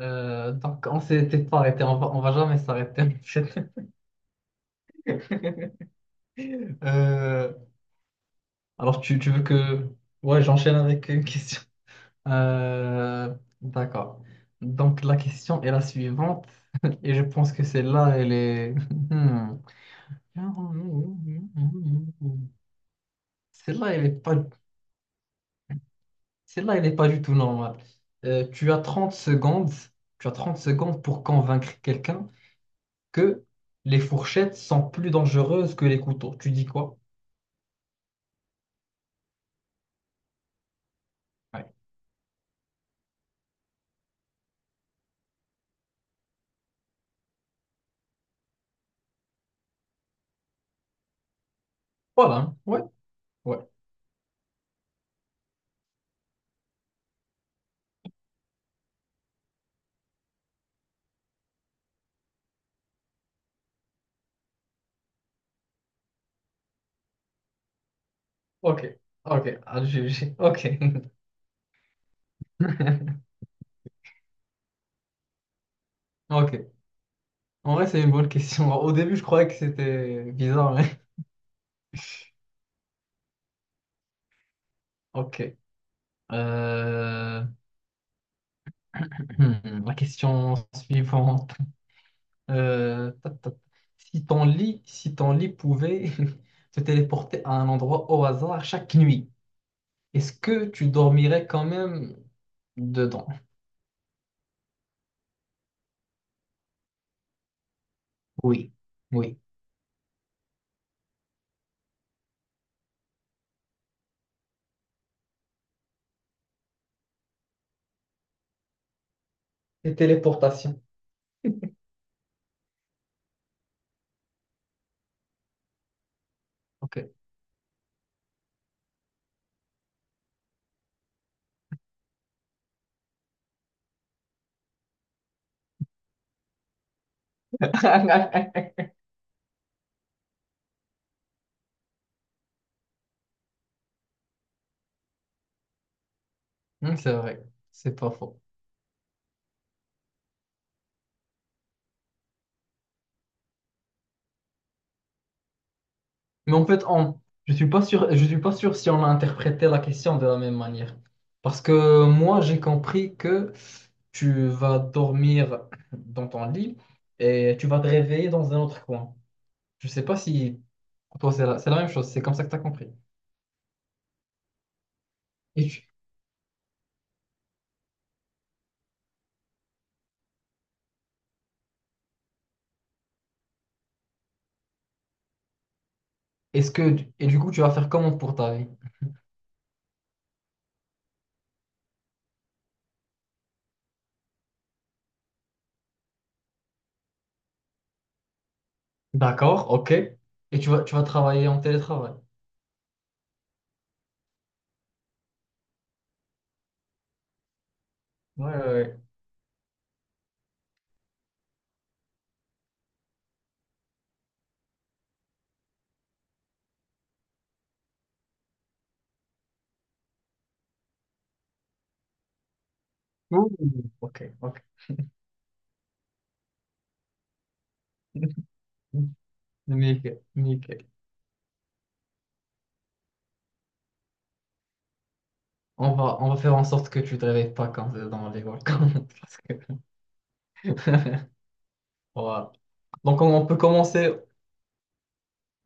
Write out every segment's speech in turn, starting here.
Donc, on s'était pas arrêté, on va jamais s'arrêter en fait. Euh, alors, tu veux que... Ouais, j'enchaîne avec une question. Euh, d'accord. Donc, la question est la suivante, et je pense que celle-là, elle est... Hmm. Celle-là, elle est pas... Celle-là, elle est pas du tout normale. Tu as 30 secondes, tu as 30 secondes pour convaincre quelqu'un que les fourchettes sont plus dangereuses que les couteaux. Tu dis quoi? Ouais. Voilà. Ouais. Ouais. Ok. Ok. Ah, Ok. Ok. En vrai, c'est une bonne question. Au début, je croyais que c'était bizarre, mais... Ok. Euh, La question suivante. Ta, ta, ta. Si ton lit pouvait te téléporter à un endroit au hasard chaque nuit, est-ce que tu dormirais quand même dedans? Oui. Oui. Les téléportations. Ok. C'est vrai. C'est pas faux. Mais en fait, je suis pas sûr, je suis pas sûr si on a interprété la question de la même manière. Parce que moi, j'ai compris que tu vas dormir dans ton lit et tu vas te réveiller dans un autre coin. Je sais pas si pour toi, c'est la même chose. C'est comme ça que tu as compris. Et tu- et du coup, tu vas faire comment pour ta vie? D'accord, ok. Et tu vas travailler en télétravail. Ouais, ouais, ouais. Ouh, ok, ok. Nickel, nickel. On va faire en sorte que tu te réveilles pas quand c'est dans les volcans. parce que- Voilà. Donc on peut commencer.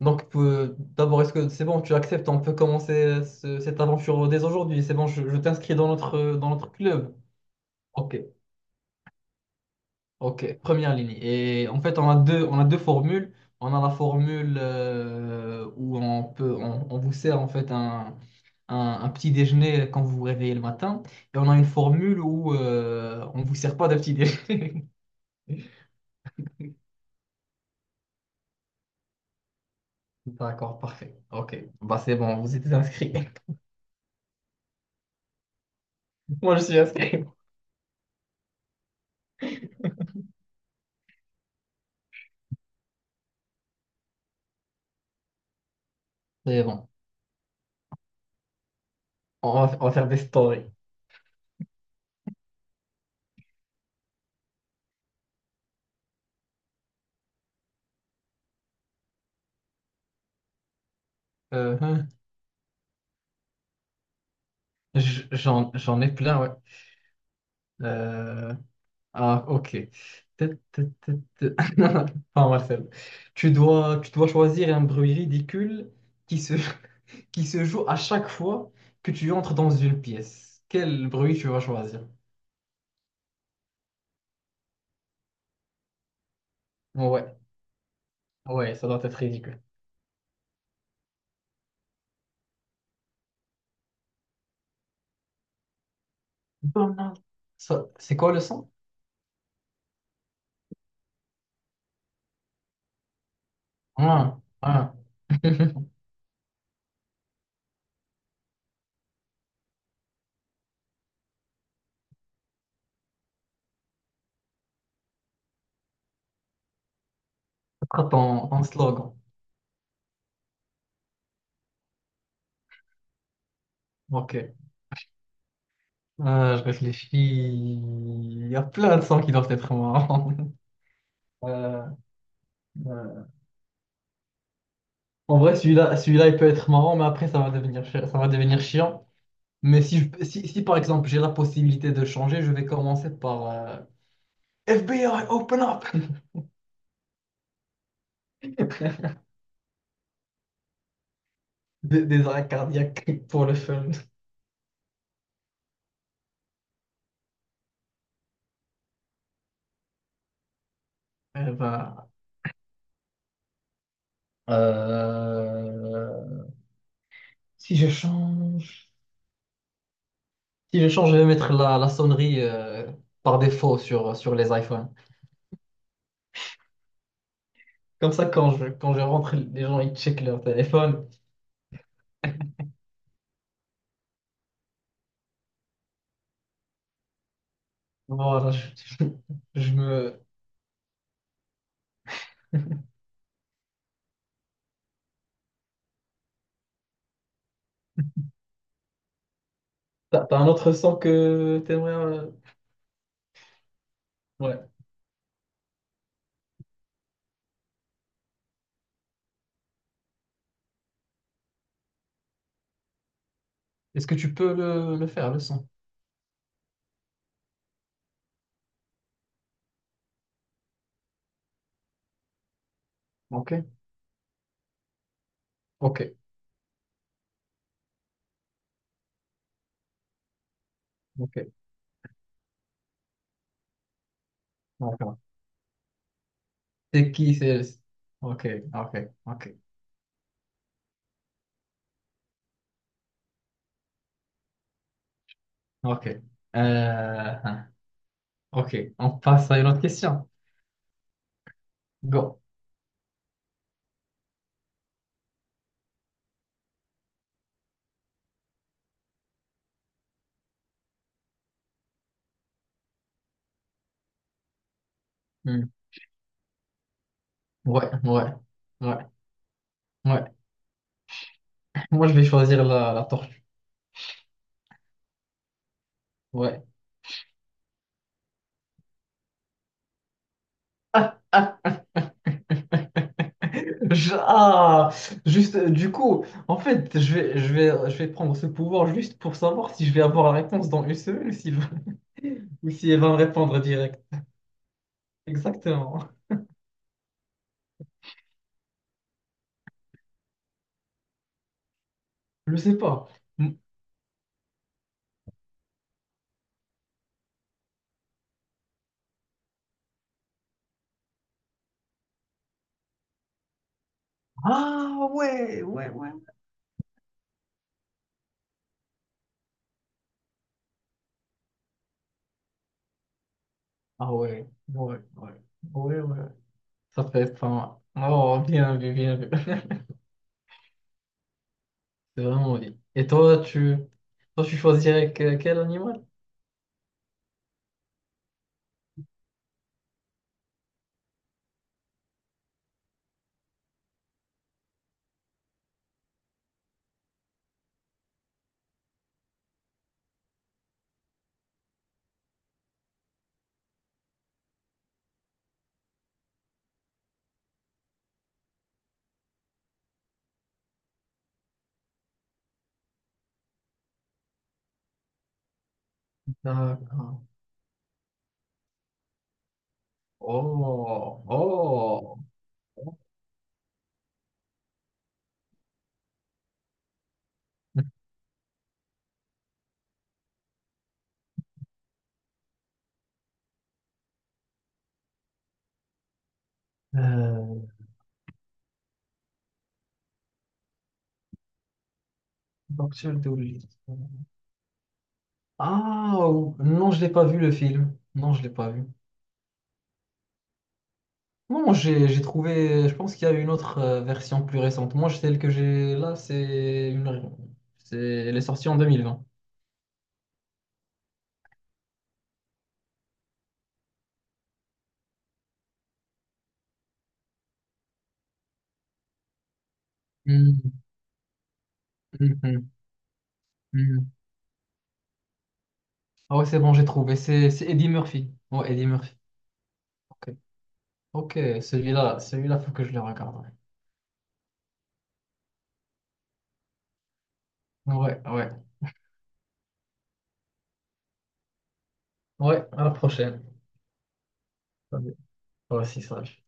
Donc, d'abord, est-ce que c'est bon, tu acceptes, on peut commencer cette aventure dès aujourd'hui. C'est bon, je t'inscris dans notre club. Ok, ok. Première ligne. Et en fait, on a deux formules. On a la formule où on vous sert en fait un, un petit déjeuner quand vous vous réveillez le matin. Et on a une formule où on vous sert pas de petit déjeuner. D'accord, parfait. Ok. Bah, c'est bon, vous êtes inscrit. Moi, je suis inscrit. C'est bon. On va faire des stories. Hein. J'en ai plein, ouais. Euh, Ah, ok. Tut, tut, tut, tut. Pas mal, celle-là. Tu dois choisir un bruit ridicule qui se, qui se joue à chaque fois que tu entres dans une pièce. Quel bruit tu vas choisir? Ouais, ouais, ça doit être ridicule. Donald. C'est quoi le son? Ah, ah. Quoi ton slogan? Ok. Je réfléchis. Il y a plein de sons qui doivent être marrants. Euh, euh, En vrai, celui-là, il peut être marrant, mais après, ça va devenir chiant. Mais si, je- si, si, par exemple, j'ai la possibilité de changer, je vais commencer par FBI, open up! Des arrêts cardiaques pour le fun. Eh ben, euh, si je change, si je change, je vais mettre la sonnerie par défaut sur les iPhones. Comme ça, quand je rentre, les gens ils checkent leur téléphone. Voilà, je je me. T'as un autre son que t'aimerais. Ouais. Est-ce que tu peux le faire, le son? Ok. Ok. Ok. D'accord. C'est qui, c'est. Ok. Ok. Ok. Ok. Euh, Ok. On passe à une autre question. Go. Hmm. Ouais. Ouais. Ouais. Ouais. Moi, je vais choisir la tortue. Ouais. Ah, juste, du coup, en fait, je vais prendre ce pouvoir juste pour savoir si je vais avoir la réponse dans une semaine ou si, ou si elle va me répondre direct. Exactement. Je sais pas. Mm. Ah ouais, ouais, ouais. Ah ouais, ouais, ouais, ouais, ouais. Ça fait enfin. Oh, bien vu, bien vu. C'est vraiment bien. Et toi, tu choisirais quel animal? D'accord. Oh, oh. Euh, Docteur Dolittle. Ah, non, je l'ai pas vu le film. Non, je l'ai pas vu. Non, j'ai trouvé. Je pense qu'il y a une autre version plus récente. Moi, celle que j'ai là, c'est une. Elle est sortie en 2020. Hmm, hmm, hmm, hmm. Ah ouais, c'est bon, j'ai trouvé. C'est Eddie Murphy. Ouais, Eddie Murphy. Ok, ok, celui-là, faut que je le regarde. Ouais, ouais, ouais. Ouais, à la prochaine. Vas-y. Toi aussi, sage.